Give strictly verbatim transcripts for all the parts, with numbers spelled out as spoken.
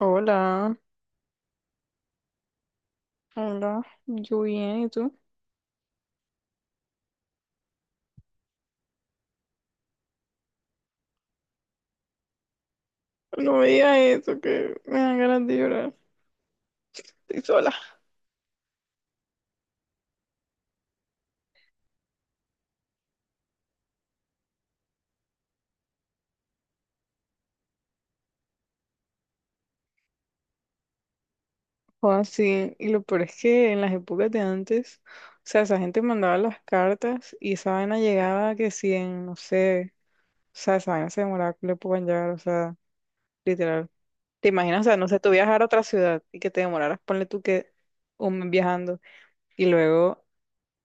Hola, hola, yo bien, ¿y tú? No me digas eso, que me dan ganas de llorar. Estoy sola. O así, y lo peor es que en las épocas de antes, o sea, esa gente mandaba las cartas y esa vaina llegaba que si en, no sé, o sea, esa vaina se demoraba que le puedan llegar, o sea, literal. ¿Te imaginas? O sea, no sé, tú viajar a otra ciudad y que te demoraras, ponle tú que un mes viajando y luego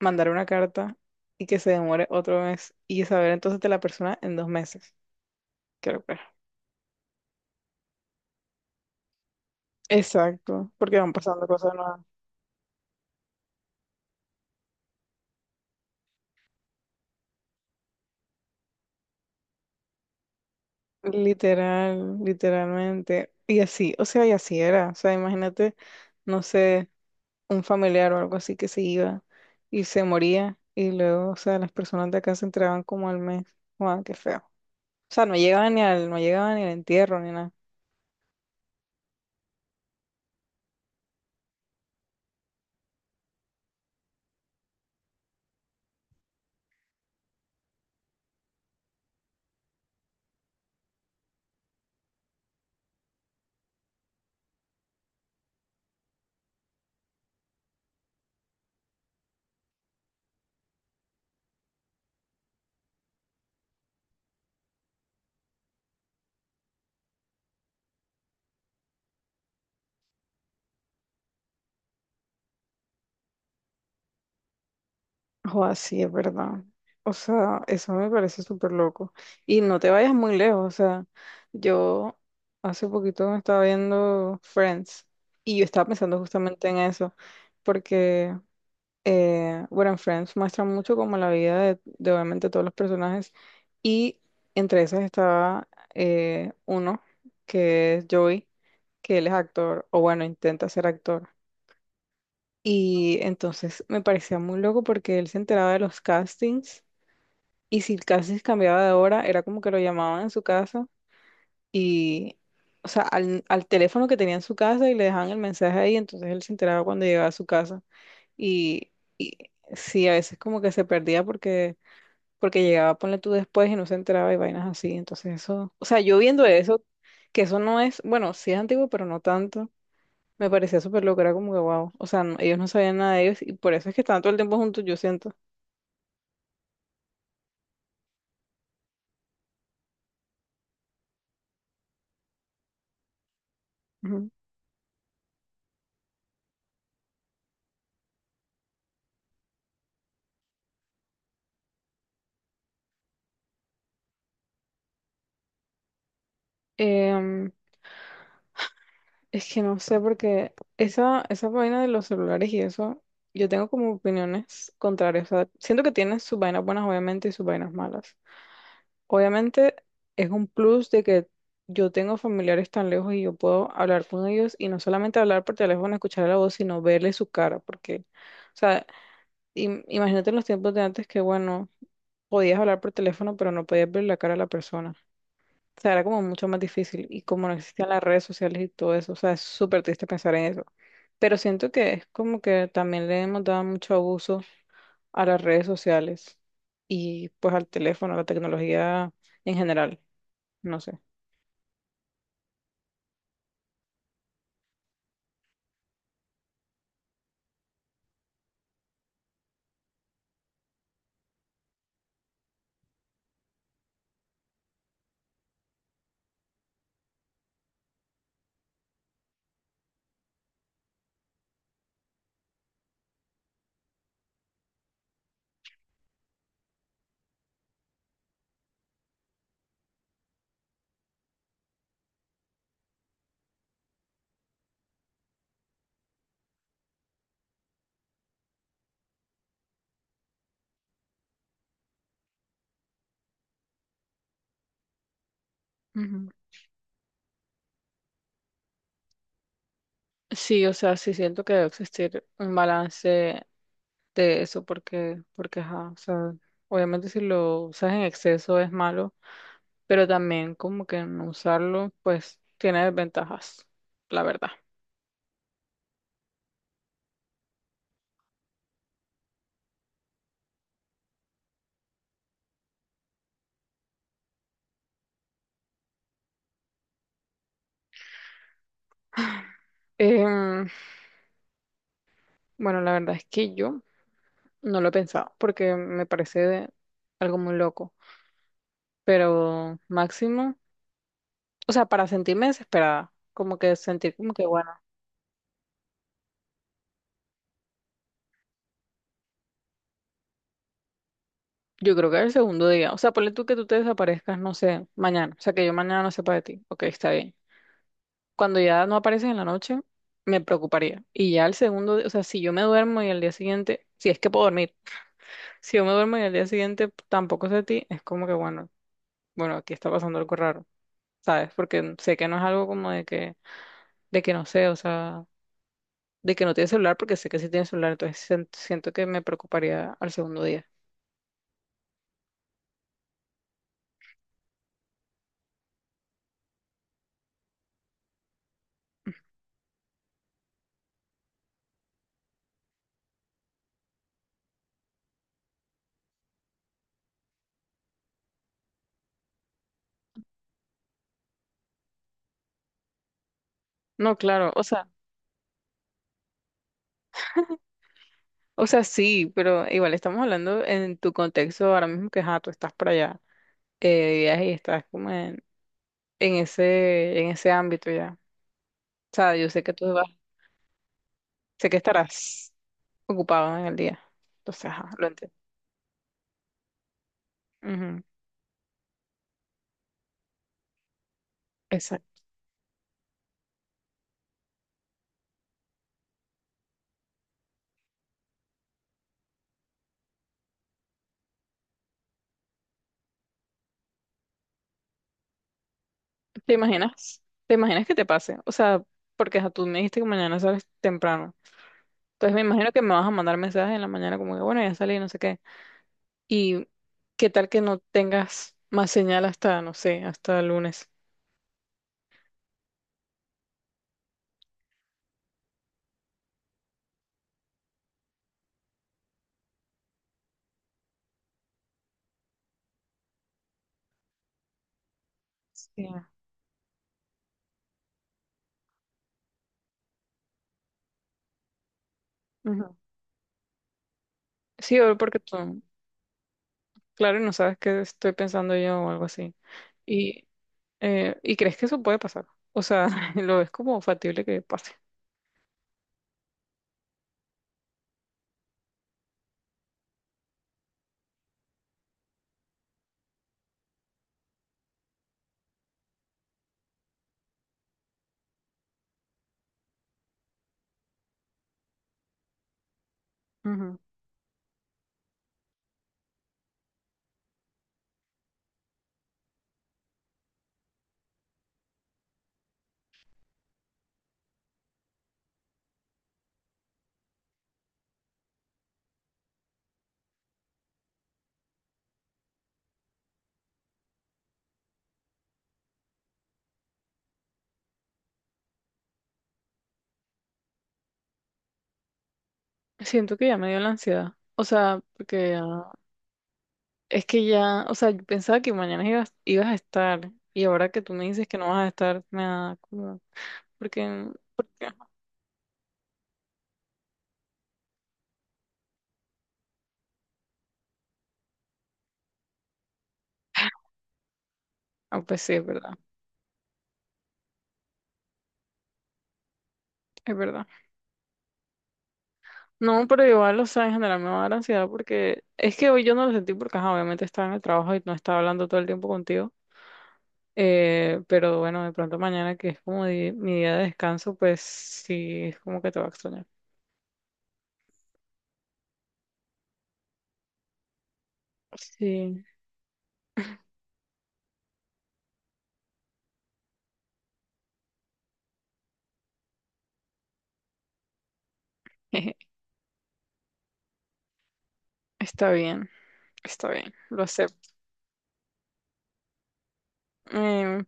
mandar una carta y que se demore otro mes y saber entonces de la persona en dos meses. Qué locura. Exacto, porque van pasando cosas nuevas. Literal, literalmente. Y así, o sea, y así era. O sea, imagínate, no sé, un familiar o algo así que se iba y se moría. Y luego, o sea, las personas de acá se entregaban como al mes. Guau, qué feo. O sea, no llegaban ni al, no llegaban ni al entierro ni nada. O así es verdad. O sea, eso me parece súper loco. Y no te vayas muy lejos. O sea, yo hace poquito me estaba viendo Friends y yo estaba pensando justamente en eso, porque, eh, bueno, en Friends muestra mucho como la vida de, de obviamente todos los personajes y entre esas estaba eh, uno que es Joey, que él es actor, o bueno, intenta ser actor. Y entonces me parecía muy loco porque él se enteraba de los castings y si el casting cambiaba de hora, era como que lo llamaban en su casa y, o sea, al, al teléfono que tenía en su casa y le dejaban el mensaje ahí, entonces él se enteraba cuando llegaba a su casa. Y, y sí, a veces como que se perdía porque, porque llegaba, ponle tú después y no se enteraba y vainas así. Entonces eso, o sea, yo viendo eso, que eso no es, bueno, sí es antiguo, pero no tanto. Me parecía súper loco, era como que wow. O sea, no- ellos no sabían nada de ellos y por eso es que estaban todo el tiempo juntos, yo siento. Ujú. Em, es que no sé, porque esa, esa vaina de los celulares y eso, yo tengo como opiniones contrarias. O sea, siento que tiene sus vainas buenas, obviamente, y sus vainas malas. Obviamente, es un plus de que yo tengo familiares tan lejos y yo puedo hablar con ellos y no solamente hablar por teléfono, escuchar la voz, sino verle su cara, porque, o sea, im- imagínate en los tiempos de antes que, bueno, podías hablar por teléfono, pero no podías ver la cara de la persona. O sea, era como mucho más difícil y como no existían las redes sociales y todo eso, o sea, es súper triste pensar en eso. Pero siento que es como que también le hemos dado mucho abuso a las redes sociales y pues al teléfono, a la tecnología en general, no sé. Ujú. Sí, o sea, sí siento que debe existir un balance de eso porque, porque, ajá, o sea, obviamente si lo usas en exceso es malo, pero también como que no usarlo, pues tiene desventajas, la verdad. Em, bueno, la verdad es que yo no lo he pensado porque me parece de- algo muy loco, pero máximo, o sea, para sentirme desesperada, como que sentir como que, bueno, yo creo que el segundo día, o sea, ponle tú que tú te desaparezcas, no sé, mañana, o sea, que yo mañana no sepa de ti, ok, está bien. Cuando ya no apareces en la noche, me preocuparía. Y ya el segundo, día, o sea, si yo me duermo y al día siguiente, si es que puedo dormir. Si yo me duermo y al día siguiente tampoco sé a ti, es como que bueno, bueno, aquí está pasando algo raro, ¿sabes? Porque sé que no es algo como de que, de que no sé, o sea, de que no tiene celular, porque sé que sí tiene celular, entonces sien- siento que me preocuparía al segundo día. No, claro, o sea, o sea, sí, pero igual estamos hablando en tu contexto ahora mismo que, ajá, tú estás para allá, eh, de viaje y estás como en, en ese, en ese ámbito ya. O sea, yo sé que tú vas, sé que estarás ocupado en el día. Entonces, ajá, lo entiendo. Ujú. Exacto. ¿Te imaginas? ¿Te imaginas que te pase? O sea, porque ajá, tú me dijiste que mañana sales temprano. Entonces me imagino que me vas a mandar mensajes en la mañana como que, bueno, ya salí, no sé qué. ¿Y qué tal que no tengas más señal hasta, no sé, hasta el lunes? Sí. Ujú. Sí, o porque tú, claro, y no sabes qué estoy pensando yo o algo así. Y, eh, ¿y crees que eso puede pasar? O sea, lo ves como factible que pase. Ujú. Siento que ya me dio la ansiedad. O sea, porque ya. Es que ya, o sea, yo pensaba que mañana ibas, ibas a estar y ahora que tú me dices que no vas a estar, me da como, porque, porque, ah, pues sí, es verdad, es verdad. No, pero igual, o sea, en general me va a dar ansiedad porque es que hoy yo no lo sentí porque, ajá, obviamente estaba en el trabajo y no estaba hablando todo el tiempo contigo, eh, pero bueno, de pronto mañana que es como di- mi día de descanso, pues sí, es como que te va a extrañar. Sí, está bien, está bien, lo acepto. Em,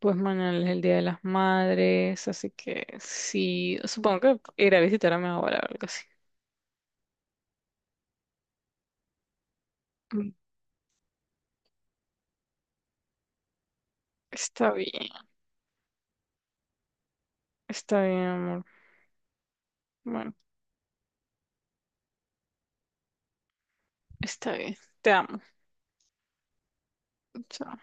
Pues mañana es el Día de las Madres, así que sí, supongo que iré a visitar a mi abuela o algo así. Mm, está bien, está bien, amor. Bueno, está bien. Te amo. Chao.